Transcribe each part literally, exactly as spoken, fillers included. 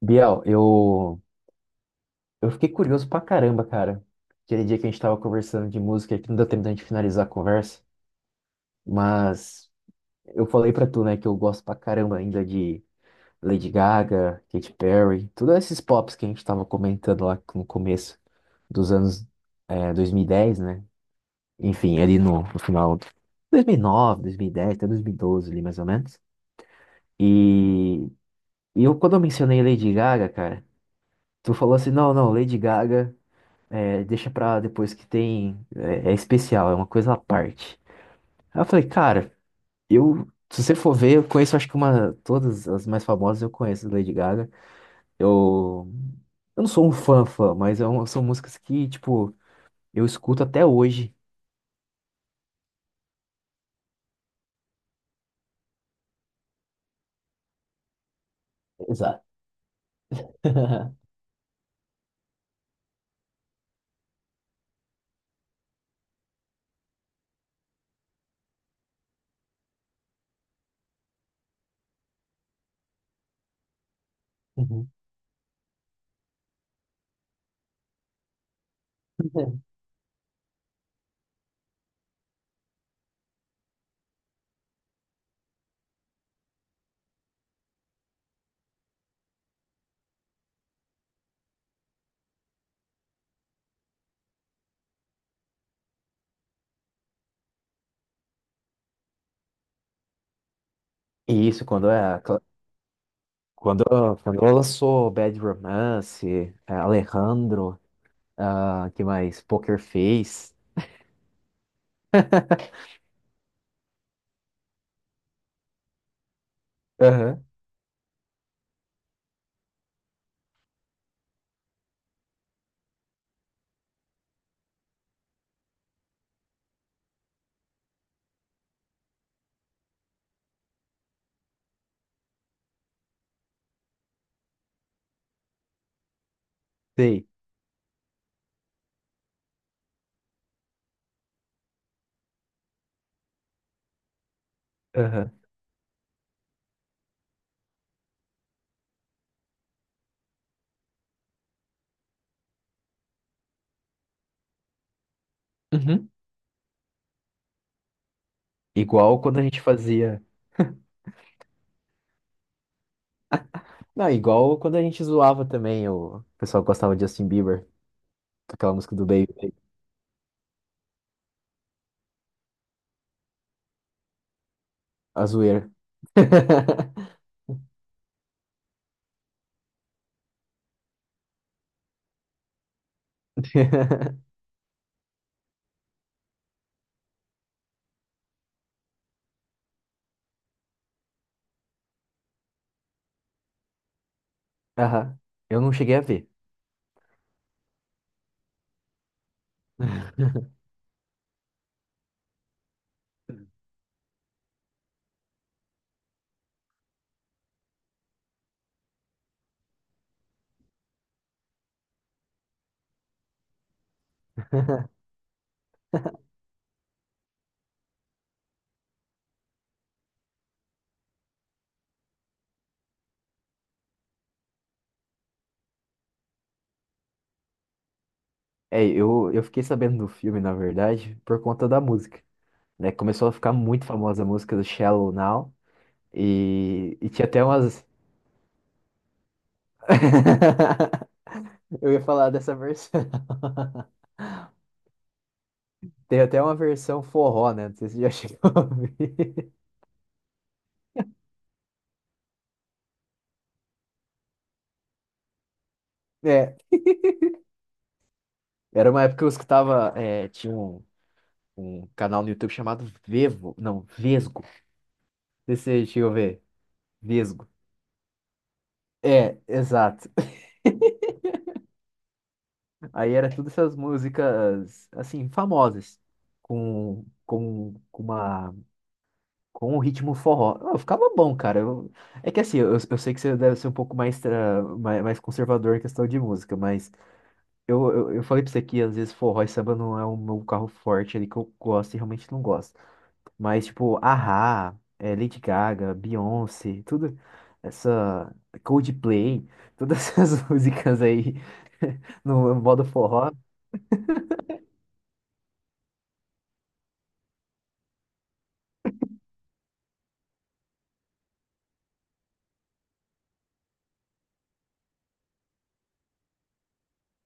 Biel, eu, eu fiquei curioso pra caramba, cara. Aquele dia que a gente tava conversando de música, que não deu tempo da gente finalizar a conversa, mas eu falei pra tu, né, que eu gosto pra caramba ainda de Lady Gaga, Katy Perry, todos esses pops que a gente tava comentando lá no começo dos anos é, dois mil e dez, né? Enfim, ali no, no final de dois mil e nove, dois mil e dez, até dois mil e doze ali mais ou menos. E, e eu, quando eu mencionei Lady Gaga, cara, tu falou assim, não, não, Lady Gaga. É, deixa pra depois que tem. É, é especial, é uma coisa à parte. Aí eu falei, cara, eu. Se você for ver, eu conheço acho que uma. Todas as mais famosas eu conheço da Lady Gaga. Eu. Eu não sou um fã fã, mas é um- são músicas que, tipo, eu escuto até hoje. Exato. Uhum. E isso, quando é. cla- Quando, quando ela lançou Bad Romance, é, Alejandro, ah, que mais? Poker Face. Aham, sei. Aham. Uhum. Igual quando a gente fazia. Não, igual quando a gente zoava também, o pessoal gostava de Justin Bieber, com aquela música do Baby, né, a zoeira. Aham. Eu não cheguei a ver. É, eu, eu fiquei sabendo do filme, na verdade, por conta da música, né? Começou a ficar muito famosa a música do Shallow Now e, e tinha até umas... Eu ia falar dessa versão. Tem até uma versão forró, né? Não sei se você já chegou a ouvir. É, era uma época que eu escutava, é, tinha um, um canal no YouTube chamado Vevo, não, Vesgo. Não sei se Você chegou a ver? Vesgo. É, exato. Aí era todas essas músicas, assim, famosas, com, com, com uma, com um ritmo forró. Eu ficava bom, cara. Eu- é que assim, eu, eu sei que você deve ser um pouco mais, ah, mais, mais conservador em questão de música, mas eu, eu, eu falei pra você que às vezes forró e samba não é o meu carro forte ali que eu gosto e realmente não gosto. Mas, tipo, a Lady Gaga, Beyoncé, tudo essa Coldplay, todas essas músicas aí no modo forró.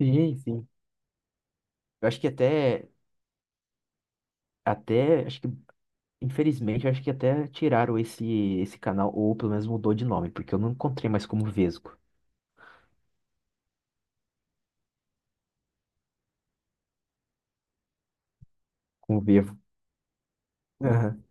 Sim, sim. Eu acho que até, até, acho que, infelizmente, eu acho que até tiraram esse, esse canal, ou pelo menos mudou de nome, porque eu não encontrei mais como Vesgo, como Vevo. Aham.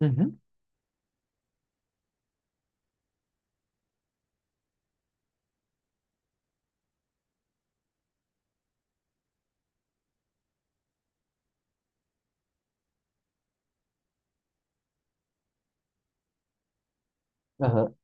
Uhum. Aham.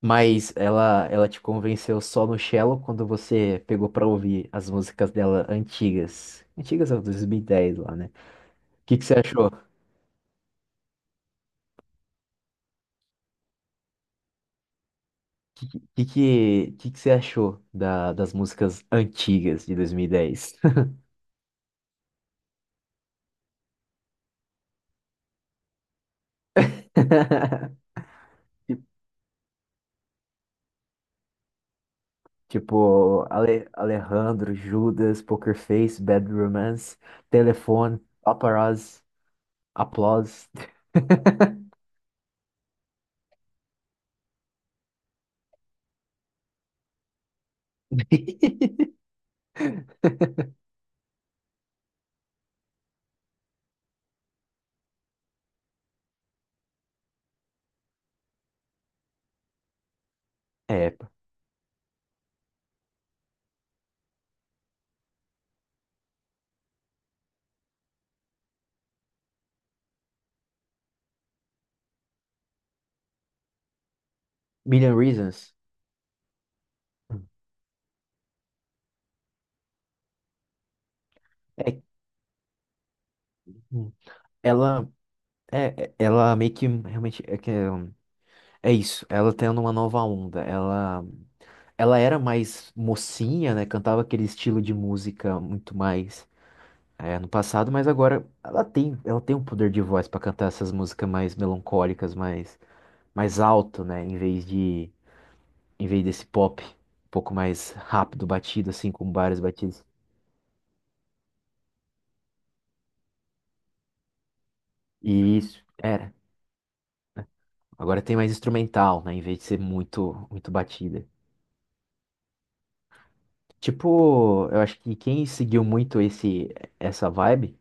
Mas ela, ela te convenceu só no Shallow quando você pegou pra ouvir as músicas dela antigas. Antigas, ó, dois mil e dez lá, né? que que você achou? Que que, que, que que você achou da, das músicas antigas de dois mil e dez? Ti- Tipo, Ale, Alejandro, Judas, Poker Face, Bad Romance, Telefone, Paparazzi, Applause. É, Million Reasons. É, ela, é, é- ela meio que realmente é, que, hum, é isso. Ela tendo uma nova onda. Ela, ela era mais mocinha, né? Cantava aquele estilo de música muito mais É, no passado, mas agora ela tem, ela tem um poder de voz pra cantar essas músicas mais melancólicas, mais mais alto, né, em vez de em vez desse pop um pouco mais rápido, batido assim, com várias batidas. E isso era. Agora tem mais instrumental, né, em vez de ser muito muito batida. Tipo, eu acho que quem seguiu muito esse essa vibe,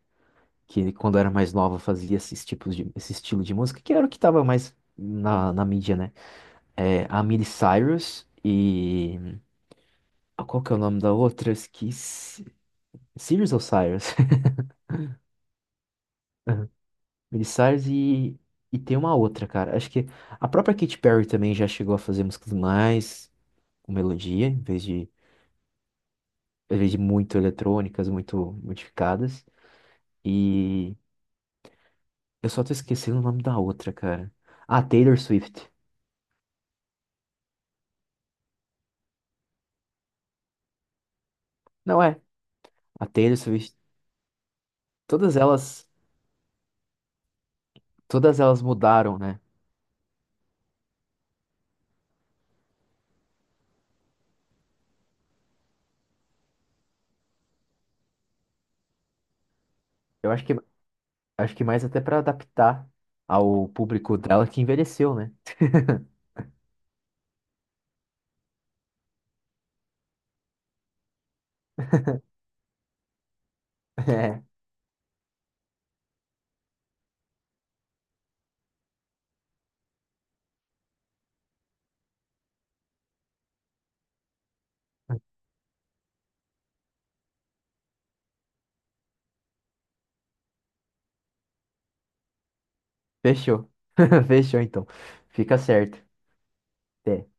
que quando era mais nova fazia esses tipos de esse estilo de música, que era o que tava mais na, na mídia, né? É, a Miley Cyrus e ah, qual que é o nome da outra? Eu esqueci. Sirius ou Cyrus? Aham. Miley Cyrus e, e tem uma outra, cara. Acho que a própria Katy Perry também já chegou a fazer músicas mais com melodia, em vez de, em vez de muito eletrônicas, muito modificadas. E eu só tô esquecendo o nome da outra, cara. Ah, Taylor Swift. Não é. A Taylor Swift. Todas elas, todas elas mudaram, né? Eu acho que, acho que mais até pra adaptar ao público dela que envelheceu, né? Fechou. Fechou, então. Fica certo. Até.